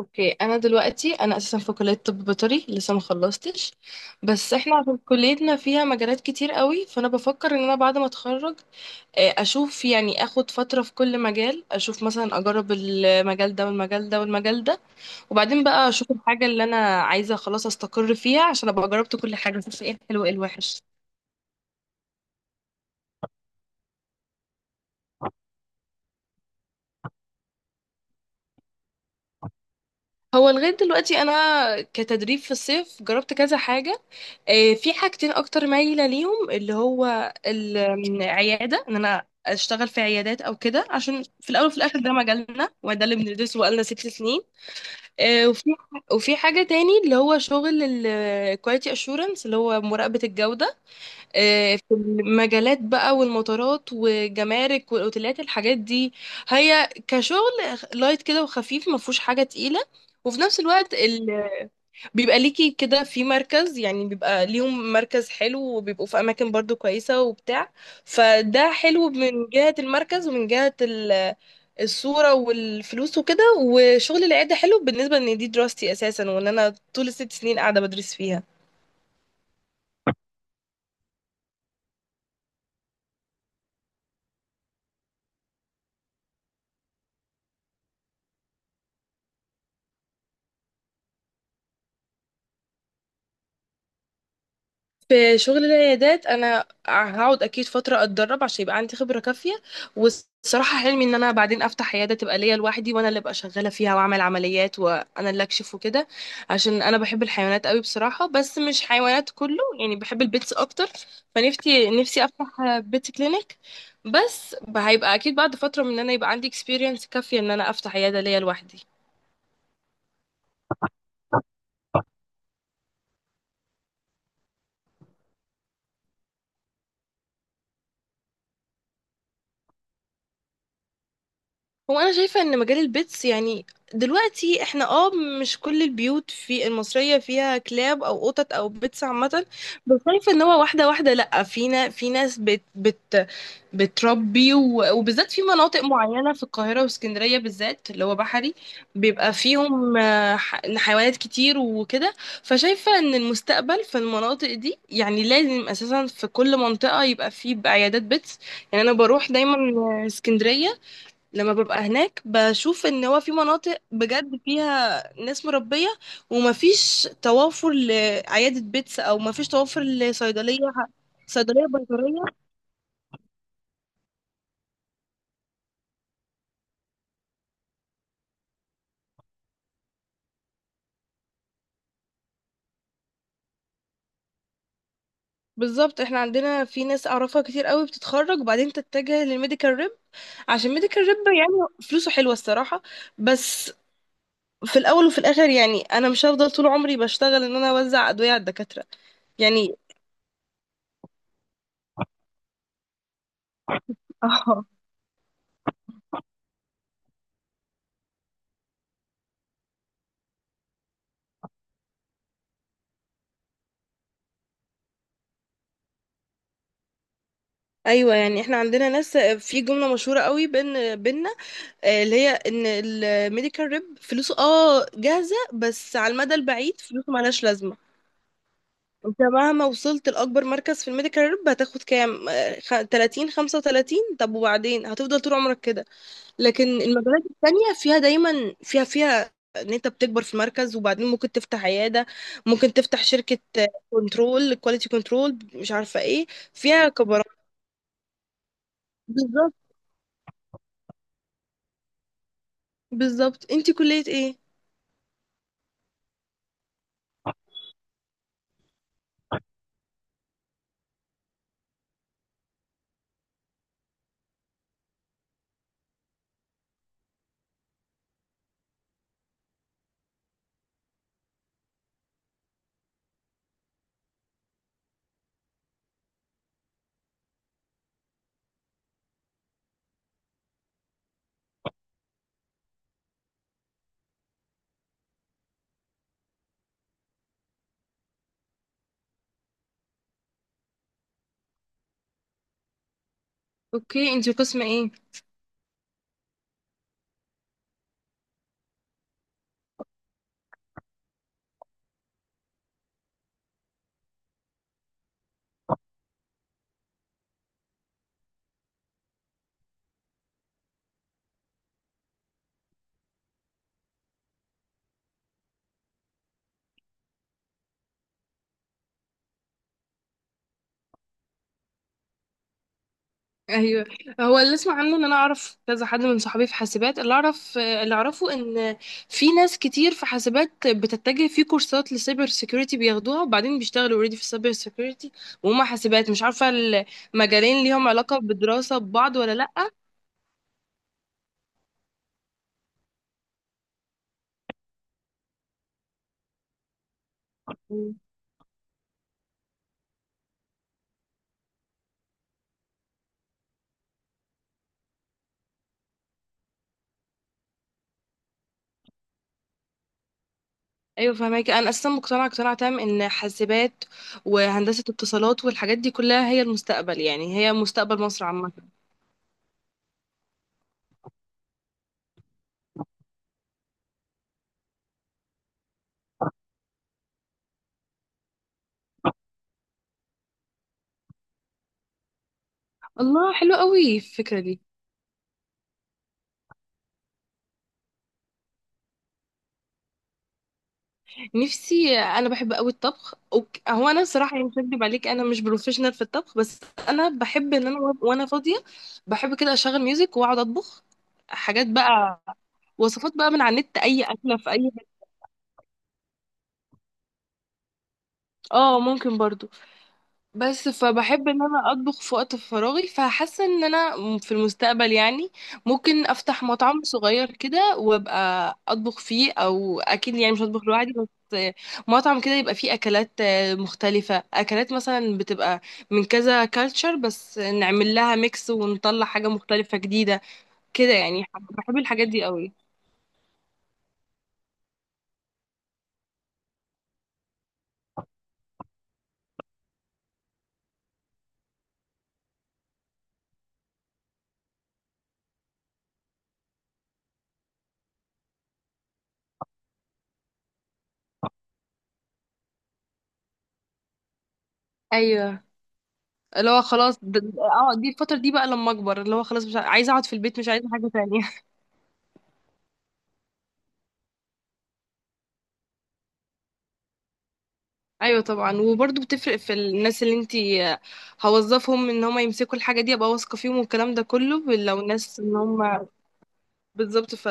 اوكي، انا دلوقتي انا اساسا في كليه طب بيطري لسه ما خلصتش. بس احنا عشان كليتنا فيها مجالات كتير قوي، فانا بفكر ان انا بعد ما اتخرج اشوف يعني اخد فتره في كل مجال، اشوف مثلا اجرب المجال ده والمجال ده والمجال ده. وبعدين بقى اشوف الحاجه اللي انا عايزه خلاص استقر فيها عشان ابقى جربت كل حاجه، اشوف ايه الحلو وايه الوحش. هو لغايه دلوقتي انا كتدريب في الصيف جربت كذا حاجه. في حاجتين اكتر مايله ليهم، اللي هو العياده، ان انا اشتغل في عيادات او كده، عشان في الاول وفي الاخر ده مجالنا وده اللي بندرسه بقالنا 6 سنين. آه، وفي وفي حاجه تاني اللي هو شغل الكواليتي اشورنس، اللي هو مراقبه الجوده. في المجالات بقى والمطارات والجمارك والاوتيلات الحاجات دي. هي كشغل لايت كده وخفيف، ما فيهوش حاجه تقيله، وفي نفس الوقت بيبقى ليكي كده في مركز، يعني بيبقى ليهم مركز حلو وبيبقوا في اماكن برضو كويسة وبتاع. فده حلو من جهة المركز ومن جهة الصورة والفلوس وكده. وشغل العيادة حلو بالنسبة ان دي دراستي اساسا وان انا طول الست سنين قاعدة بدرس فيها. في شغل العيادات انا هقعد اكيد فتره اتدرب عشان يبقى عندي خبره كافيه. والصراحه حلمي ان انا بعدين افتح عياده تبقى ليا لوحدي، وانا اللي ابقى شغاله فيها، واعمل عمليات وانا اللي اكشف وكده، عشان انا بحب الحيوانات قوي بصراحه، بس مش حيوانات كله، يعني بحب البيتس اكتر. فنفسي نفسي افتح بيت كلينيك، بس هيبقى اكيد بعد فتره من ان انا يبقى عندي اكسبيرينس كافيه ان انا افتح عياده ليا لوحدي. هو انا شايفه ان مجال البيتس، يعني دلوقتي احنا مش كل البيوت في المصريه فيها كلاب او قطط او بيتس عامه. بس شايفه ان هو واحده واحده، لا فينا، في ناس بت بتربي، وبالذات في مناطق معينه في القاهره واسكندريه، بالذات اللي هو بحري، بيبقى فيهم حيوانات كتير وكده. فشايفه ان المستقبل في المناطق دي يعني لازم اساسا في كل منطقه يبقى فيه عيادات بيتس. يعني انا بروح دايما اسكندريه، لما ببقى هناك بشوف ان هو في مناطق بجد فيها ناس مربية، ومفيش توافر لعيادة بيتس او مفيش توافر لصيدلية، صيدلية بيطرية. بالظبط، احنا عندنا في ناس اعرفها كتير قوي بتتخرج وبعدين تتجه للميديكال ريب، عشان ميديكال ريب يعني فلوسه حلوة الصراحة. بس في الاول وفي الاخر يعني انا مش هفضل طول عمري بشتغل ان انا اوزع ادوية على الدكاترة يعني. اه، ايوه، يعني احنا عندنا ناس في جملة مشهورة قوي بينا، اللي هي ان الميديكال ريب فلوسه جاهزة، بس على المدى البعيد فلوسه ملهاش لازمة. انت مهما وصلت لأكبر مركز في الميديكال ريب هتاخد كام؟ 30 35. طب وبعدين هتفضل طول عمرك كده. لكن المجالات التانية فيها دايما فيها ان انت بتكبر في المركز، وبعدين ممكن تفتح عيادة، ممكن تفتح شركة، كنترول كواليتي، كنترول مش عارفة ايه، فيها كبرات. بالظبط، بالظبط. انت كلية ايه؟ اوكي، انت قسم ايه؟ ايوه، هو اللي اسمع عنه ان انا اعرف كذا حد من صحابي في حاسبات، اللي اعرف اللي اعرفه ان في ناس كتير في حاسبات بتتجه في كورسات لسايبر سيكيورتي بياخدوها، وبعدين بيشتغلوا اوريدي في السايبر سيكيورتي، وهم حاسبات مش عارفه. المجالين ليهم علاقه بدراسه ببعض ولا لا؟ مم. ايوه فهماكي. انا اساسا مقتنعه اقتناع تام ان حاسبات وهندسه اتصالات والحاجات دي كلها هي المستقبل، يعني هي مستقبل مصر عامه. الله، حلو قوي الفكره دي. نفسي، انا بحب قوي الطبخ. هو انا صراحه يعني مش هكدب عليك، انا مش بروفيشنال في الطبخ، بس انا بحب ان انا وانا فاضيه بحب كده اشغل ميوزك واقعد اطبخ حاجات بقى، وصفات بقى من على النت، اي اكله في اي حته. اه، ممكن برضو، بس فبحب ان انا اطبخ في وقت فراغي، فحاسه ان انا في المستقبل يعني ممكن افتح مطعم صغير كده وابقى اطبخ فيه، او اكيد يعني مش هطبخ لوحدي بس، مطعم كده يبقى فيه اكلات مختلفه، اكلات مثلا بتبقى من كذا كالتشر بس نعمل لها ميكس ونطلع حاجه مختلفه جديده كده يعني. بحب الحاجات دي قوي. ايوه، اللي هو خلاص، دي الفتره دي بقى لما اكبر، اللي هو خلاص مش عايزه اقعد في البيت، مش عايزه حاجه تانية. ايوه طبعا، وبرضه بتفرق في الناس اللي انتي هوظفهم ان هم يمسكوا الحاجه دي، ابقى واثقه فيهم والكلام ده كله لو ناس ان هم. بالظبط، ف...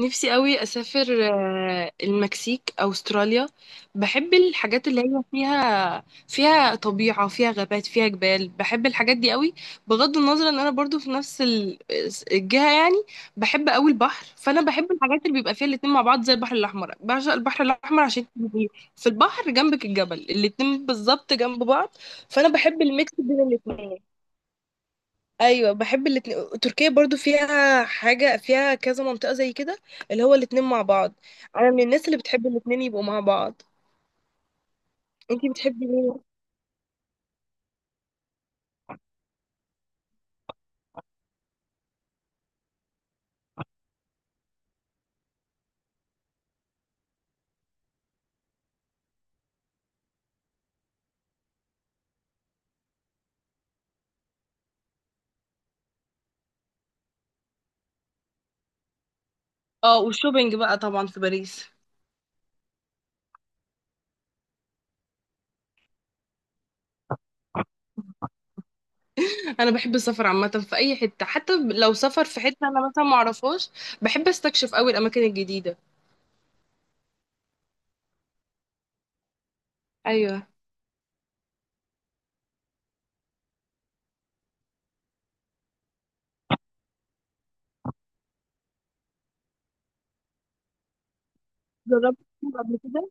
نفسي قوي اسافر المكسيك او استراليا. بحب الحاجات اللي هي فيها طبيعة، فيها غابات، فيها جبال، بحب الحاجات دي قوي. بغض النظر ان انا برضو في نفس الجهة يعني. بحب قوي البحر، فانا بحب الحاجات اللي بيبقى فيها الاتنين مع بعض زي البحر الاحمر، بعشق البحر الاحمر عشان بيبقى في البحر جنبك الجبل، الاتنين بالظبط جنب بعض. فانا بحب الميكس بين الاتنين. ايوه، بحب الاتنين. تركيا برضو فيها حاجه، فيها كذا منطقه زي كده، اللي هو الاتنين مع بعض. انا من الناس اللي بتحب الاتنين يبقوا مع بعض. انتي بتحبي مين؟ اه، والشوبينج بقى طبعا في باريس. انا بحب السفر عامه في اي حته، حتى لو سفر في حته انا مثلا ما اعرفهاش، بحب استكشف قوي الاماكن الجديده. ايوه. جربت شرم قبل كده،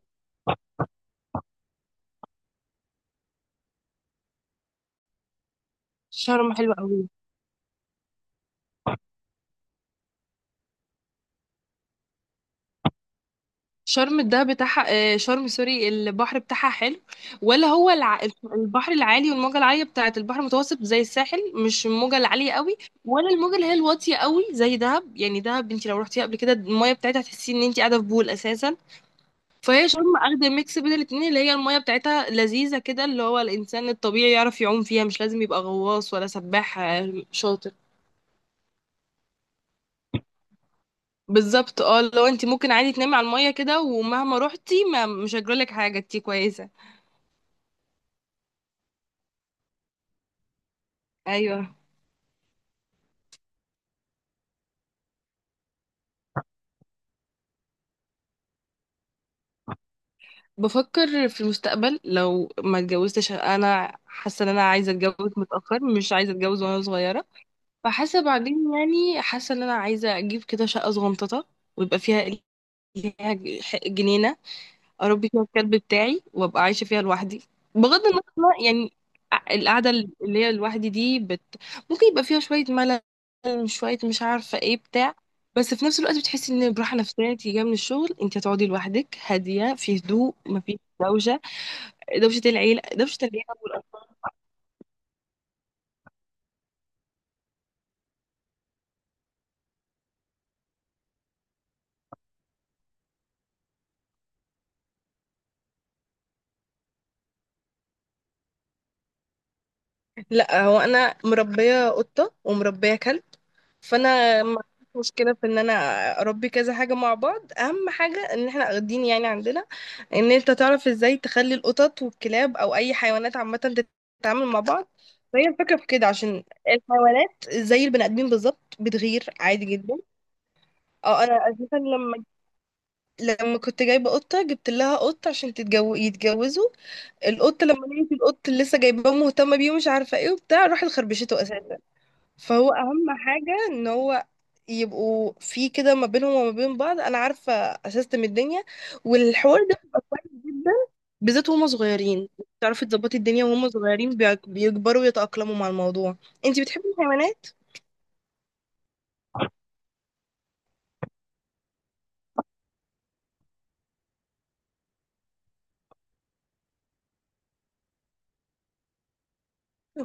شرم حلوه قوي. شرم ده بتاعها، شرم سوري، البحر بتاعها حلو، ولا هو البحر العالي والموجة العالية بتاعت البحر المتوسط زي الساحل، مش الموجة العالية قوي، ولا الموجة اللي هي الواطية قوي زي دهب؟ يعني دهب انت لو رحتيها قبل كده المية بتاعتها تحسي ان انت قاعدة في بول اساسا. فهي شرم اخدة ميكس بين الاتنين، اللي هي المية بتاعتها لذيذة كده، اللي هو الانسان الطبيعي يعرف يعوم فيها، مش لازم يبقى غواص ولا سباح شاطر. بالظبط. اه لو انت ممكن عادي تنامي على المية كده، ومهما روحتي ما مش هيجرالك حاجة، انتي كويسة. ايوه، بفكر في المستقبل لو ما اتجوزتش. انا حاسه ان انا عايزه اتجوز متاخر، مش عايزه اتجوز وانا صغيره، فحاسه بعدين يعني حاسه ان انا عايزه اجيب كده شقه صغنططه ويبقى فيها، ليها جنينه، اربي فيها الكلب بتاعي وابقى عايشه فيها لوحدي. بغض النظر يعني، القعده اللي هي لوحدي دي ممكن يبقى فيها شويه ملل، شويه مش عارفه ايه بتاع، بس في نفس الوقت بتحسي ان براحه نفسيه، انت جايه من الشغل انت هتقعدي لوحدك هاديه في هدوء، مفيش دوشه، دوشة العيلة، دوشة العيلة والأطفال. لا، هو انا مربيه قطه ومربيه كلب، فانا ما عنديش مشكله في ان انا اربي كذا حاجه مع بعض. اهم حاجه ان احنا واخدين يعني عندنا ان انت تعرف ازاي تخلي القطط والكلاب او اي حيوانات عامه تتعامل مع بعض، فهي الفكره في كده، عشان الحيوانات زي البني ادمين بالظبط بتغير عادي جدا. اه، انا اساسا لما كنت جايبه قطه جبت لها قط عشان يتجوزوا. القط لما لقيت القط اللي لسه جايباه مهتمه بيه ومش عارفه ايه وبتاع راحت خربشته اساسا. فهو اهم حاجه ان هو يبقوا في كده ما بينهم وما بين بعض، انا عارفه اسستم الدنيا، والحوار ده بيبقى كويس جدا بالذات وهم صغيرين، تعرفي تظبطي الدنيا وهم صغيرين، بيكبروا ويتأقلموا مع الموضوع. انتي بتحبي الحيوانات؟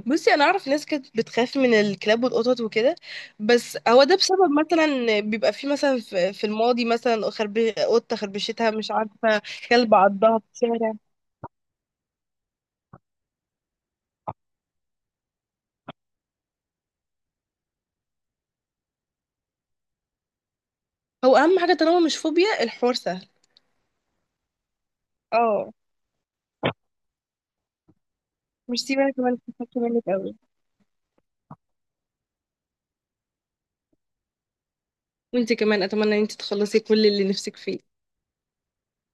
بصي، انا اعرف ناس كانت بتخاف من الكلاب والقطط وكده، بس هو ده بسبب مثلا بيبقى فيه مثلا في الماضي مثلا قطه خربشتها مش عارفه، كلب عضها في الشارع. هو اهم حاجه طالما مش فوبيا، الحوار سهل. اه، ميرسي. وانا كمان استفدت منك قوي. وانت كمان اتمنى ان انت تخلصي كل اللي نفسك فيه.